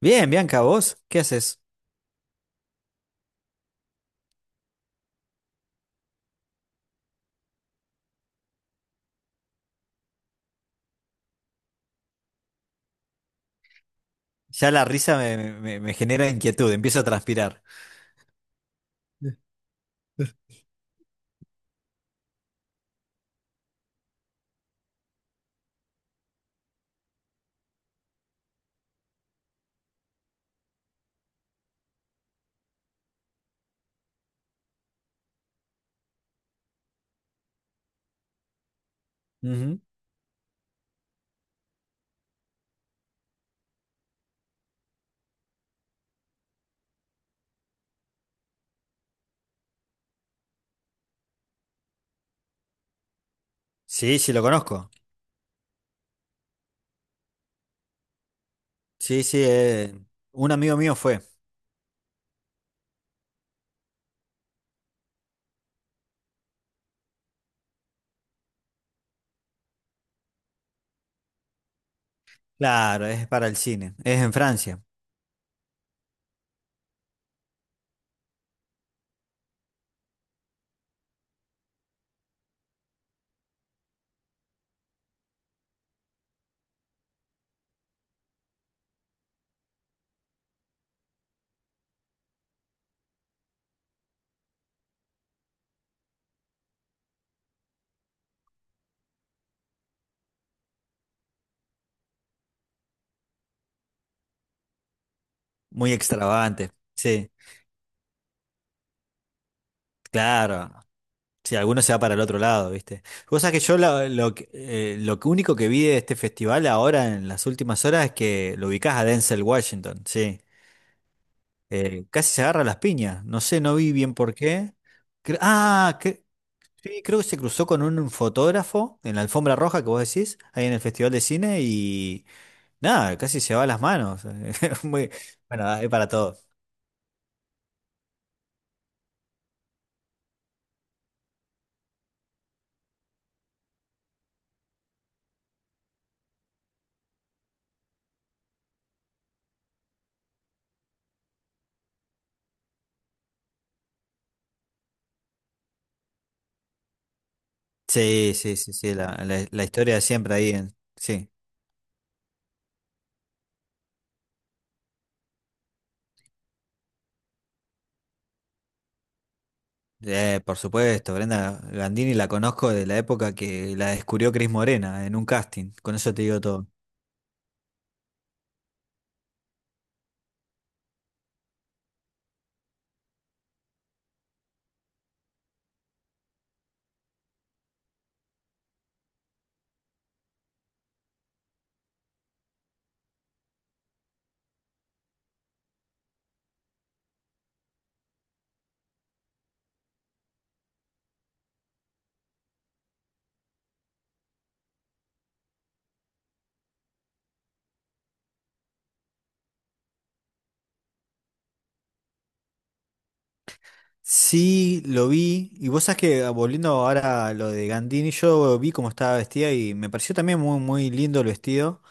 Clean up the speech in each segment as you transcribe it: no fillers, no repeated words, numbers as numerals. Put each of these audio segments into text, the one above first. Bien, Bianca, ¿vos qué haces? Ya la risa me genera inquietud, empiezo a transpirar. Ujú. Sí, sí, lo conozco. Sí, sí, un amigo mío fue. Claro, es para el cine, es en Francia, muy extravagante. Sí, claro. Si alguno se va para el otro lado, ¿viste? Cosa que yo lo que único que vi de este festival ahora en las últimas horas es que lo ubicás a Denzel Washington, sí. Casi se agarra las piñas, no sé, no vi bien por qué. Cre- ah, que Sí, creo que se cruzó con un fotógrafo en la alfombra roja que vos decís, ahí en el Festival de Cine, y nada, casi se va las manos. Muy, bueno, hay para todo. Sí, sí, sí, sí, la historia de siempre ahí en. Sí. Por supuesto, Brenda Gandini la conozco de la época que la descubrió Cris Morena en un casting, con eso te digo todo. Sí, lo vi, y vos sabés que, volviendo ahora a lo de Gandini, yo vi cómo estaba vestida y me pareció también muy, muy lindo el vestido.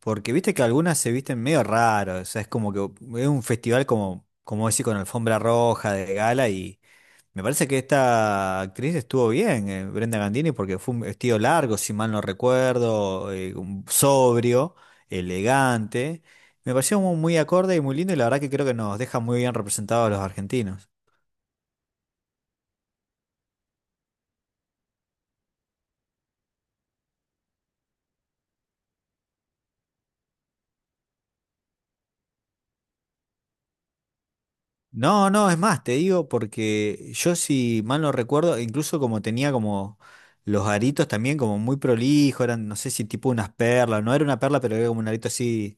Porque viste que algunas se visten medio raro, o sea, es como que es un festival como decir, con alfombra roja de gala y me parece que esta actriz estuvo bien, Brenda Gandini, porque fue un vestido largo, si mal no recuerdo, sobrio, elegante. Me pareció muy, acorde y muy lindo y la verdad que creo que nos deja muy bien representados a los argentinos. No, no, es más, te digo porque yo si mal no recuerdo, incluso como tenía como los aritos también como muy prolijo, eran no sé si tipo unas perlas, no era una perla, pero era como un arito así,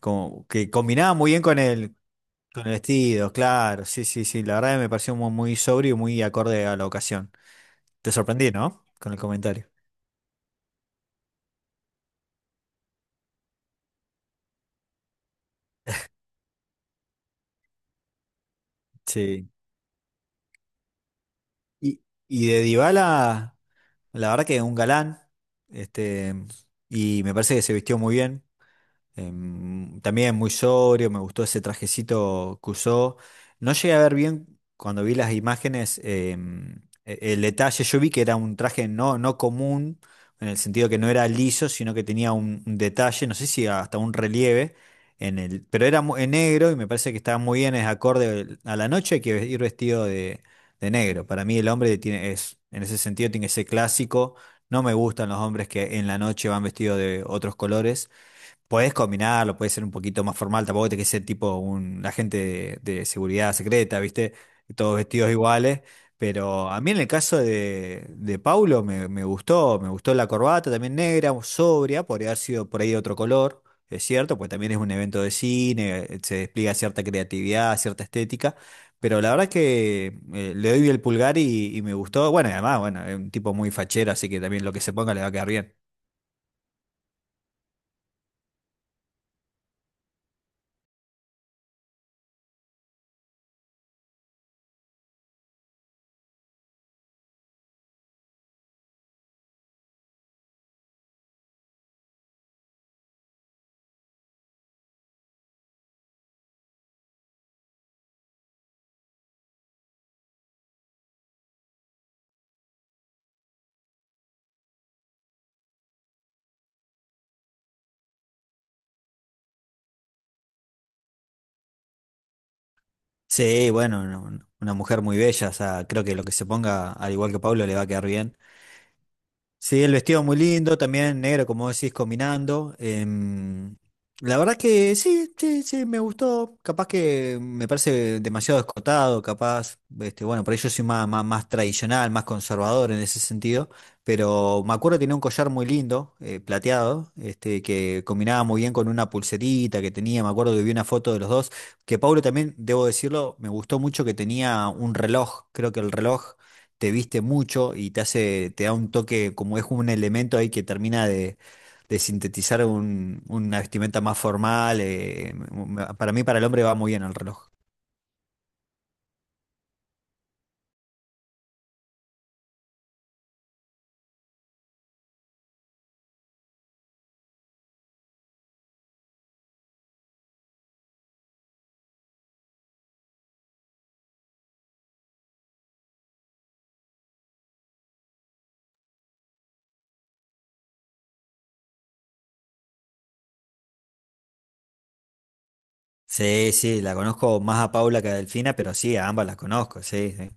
como que combinaba muy bien con el vestido, claro, sí, sí, sí, la verdad que me pareció muy, muy sobrio y muy acorde a la ocasión. Te sorprendí, ¿no? Con el comentario. Sí. Y, y de Dybala, la verdad que es un galán, este, y me parece que se vistió muy bien. También muy sobrio, me gustó ese trajecito que usó. No llegué a ver bien cuando vi las imágenes el detalle. Yo vi que era un traje no, no común, en el sentido que no era liso, sino que tenía un detalle, no sé si hasta un relieve, pero era en negro y me parece que estaba muy bien, es acorde a la noche, hay que ir vestido de negro. Para mí el hombre es, en ese sentido tiene que ser clásico. No me gustan los hombres que en la noche van vestidos de otros colores. Podés combinarlo, puede ser un poquito más formal, tampoco te que ser tipo un agente de seguridad secreta, ¿viste? Todos vestidos iguales. Pero a mí en el caso de Paulo me gustó, me gustó la corbata también negra, sobria, podría haber sido por ahí de otro color, es cierto, pues también es un evento de cine, se despliega cierta creatividad, cierta estética. Pero la verdad es que le doy el pulgar y me gustó. Bueno, y además, bueno, es un tipo muy fachero, así que también lo que se ponga le va a quedar bien. Sí, bueno, una mujer muy bella, o sea, creo que lo que se ponga, al igual que Pablo, le va a quedar bien. Sí, el vestido muy lindo, también negro, como decís, combinando. La verdad que sí, sí, sí, me gustó. Capaz que me parece demasiado escotado, capaz, este, bueno, por ello soy más, más, más tradicional, más conservador en ese sentido. Pero me acuerdo que tenía un collar muy lindo, plateado, este, que combinaba muy bien con una pulserita que tenía. Me acuerdo que vi una foto de los dos. Que Pablo también, debo decirlo, me gustó mucho que tenía un reloj. Creo que el reloj te viste mucho y te hace, te da un toque, como es un elemento ahí que termina de sintetizar una vestimenta más formal. Para mí, para el hombre va muy bien el reloj. Sí, sí, la conozco más a Paula que a Delfina, pero sí, a ambas las conozco, sí, sí.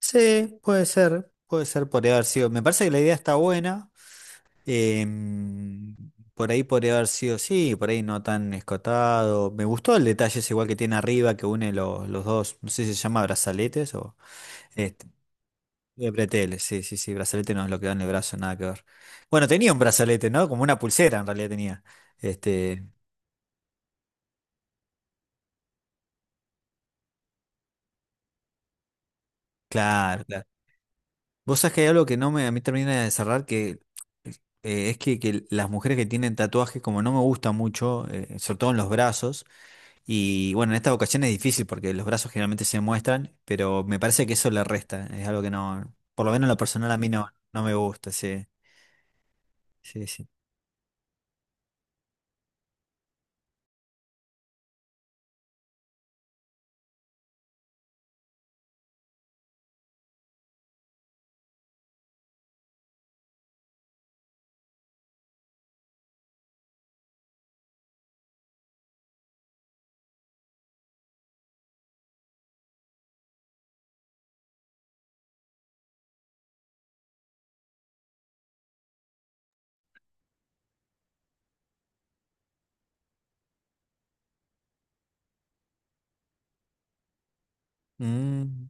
Sí, puede ser, podría haber sido. Me parece que la idea está buena. em, por ahí podría haber sido, sí, por ahí no tan escotado. Me gustó el detalle ese igual que tiene arriba, que une los dos, no sé si se llama brazaletes o... este, de bretelles, sí, sí, sí, brazalete no es lo que da en el brazo, nada que ver. Bueno, tenía un brazalete, ¿no? Como una pulsera en realidad tenía. Este, claro, claro. Vos sabés que hay algo que no me, a mí termina de cerrar, que es que las mujeres que tienen tatuajes, como no me gusta mucho, sobre todo en los brazos, y bueno, en esta ocasión es difícil porque los brazos generalmente se muestran, pero me parece que eso le resta, es algo que no, por lo menos en lo personal a mí no, no me gusta, sí, sí, sí. Mm.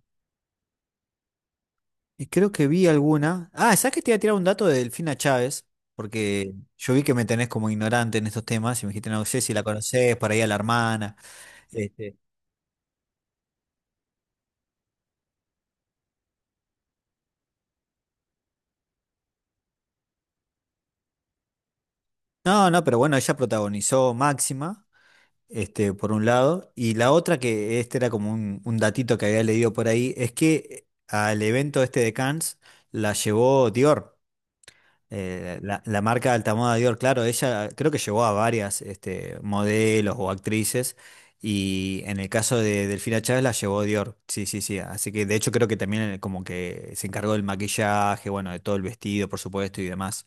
Y creo que vi alguna. Ah, ¿sabes que te iba a tirar un dato de Delfina Chávez? Porque yo vi que me tenés como ignorante en estos temas y me dijiste, no sé si la conocés, por ahí a la hermana. Este, no, no, pero bueno, ella protagonizó Máxima, este, por un lado, y la otra, que este era como un datito que había leído por ahí, es que al evento este de Cannes la llevó Dior. La marca Altamoda Dior, claro, ella creo que llevó a varias este, modelos o actrices y en el caso de Delfina Chávez la llevó Dior, sí, sí, sí, así que de hecho creo que también como que se encargó del maquillaje, bueno, de todo el vestido, por supuesto, y demás.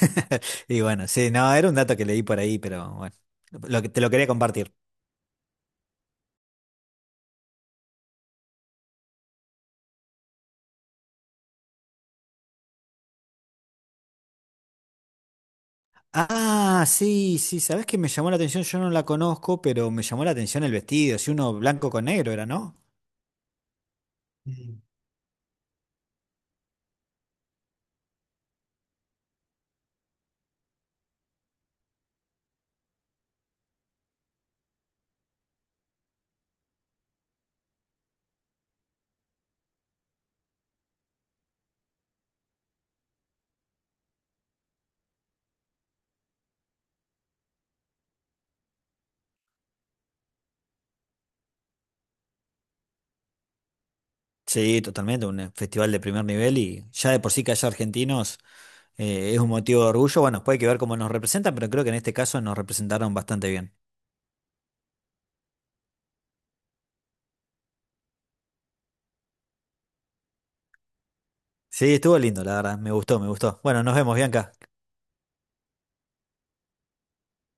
Y bueno, sí, no, era un dato que leí por ahí, pero bueno, te lo quería compartir. Ah, sí, sí, ¿sabés qué me llamó la atención? Yo no la conozco, pero me llamó la atención el vestido, si uno blanco con negro era, ¿no? Sí, totalmente, un festival de primer nivel y ya de por sí que haya argentinos es un motivo de orgullo. Bueno, puede que ver cómo nos representan, pero creo que en este caso nos representaron bastante bien. Sí, estuvo lindo, la verdad, me gustó, me gustó. Bueno, nos vemos, Bianca.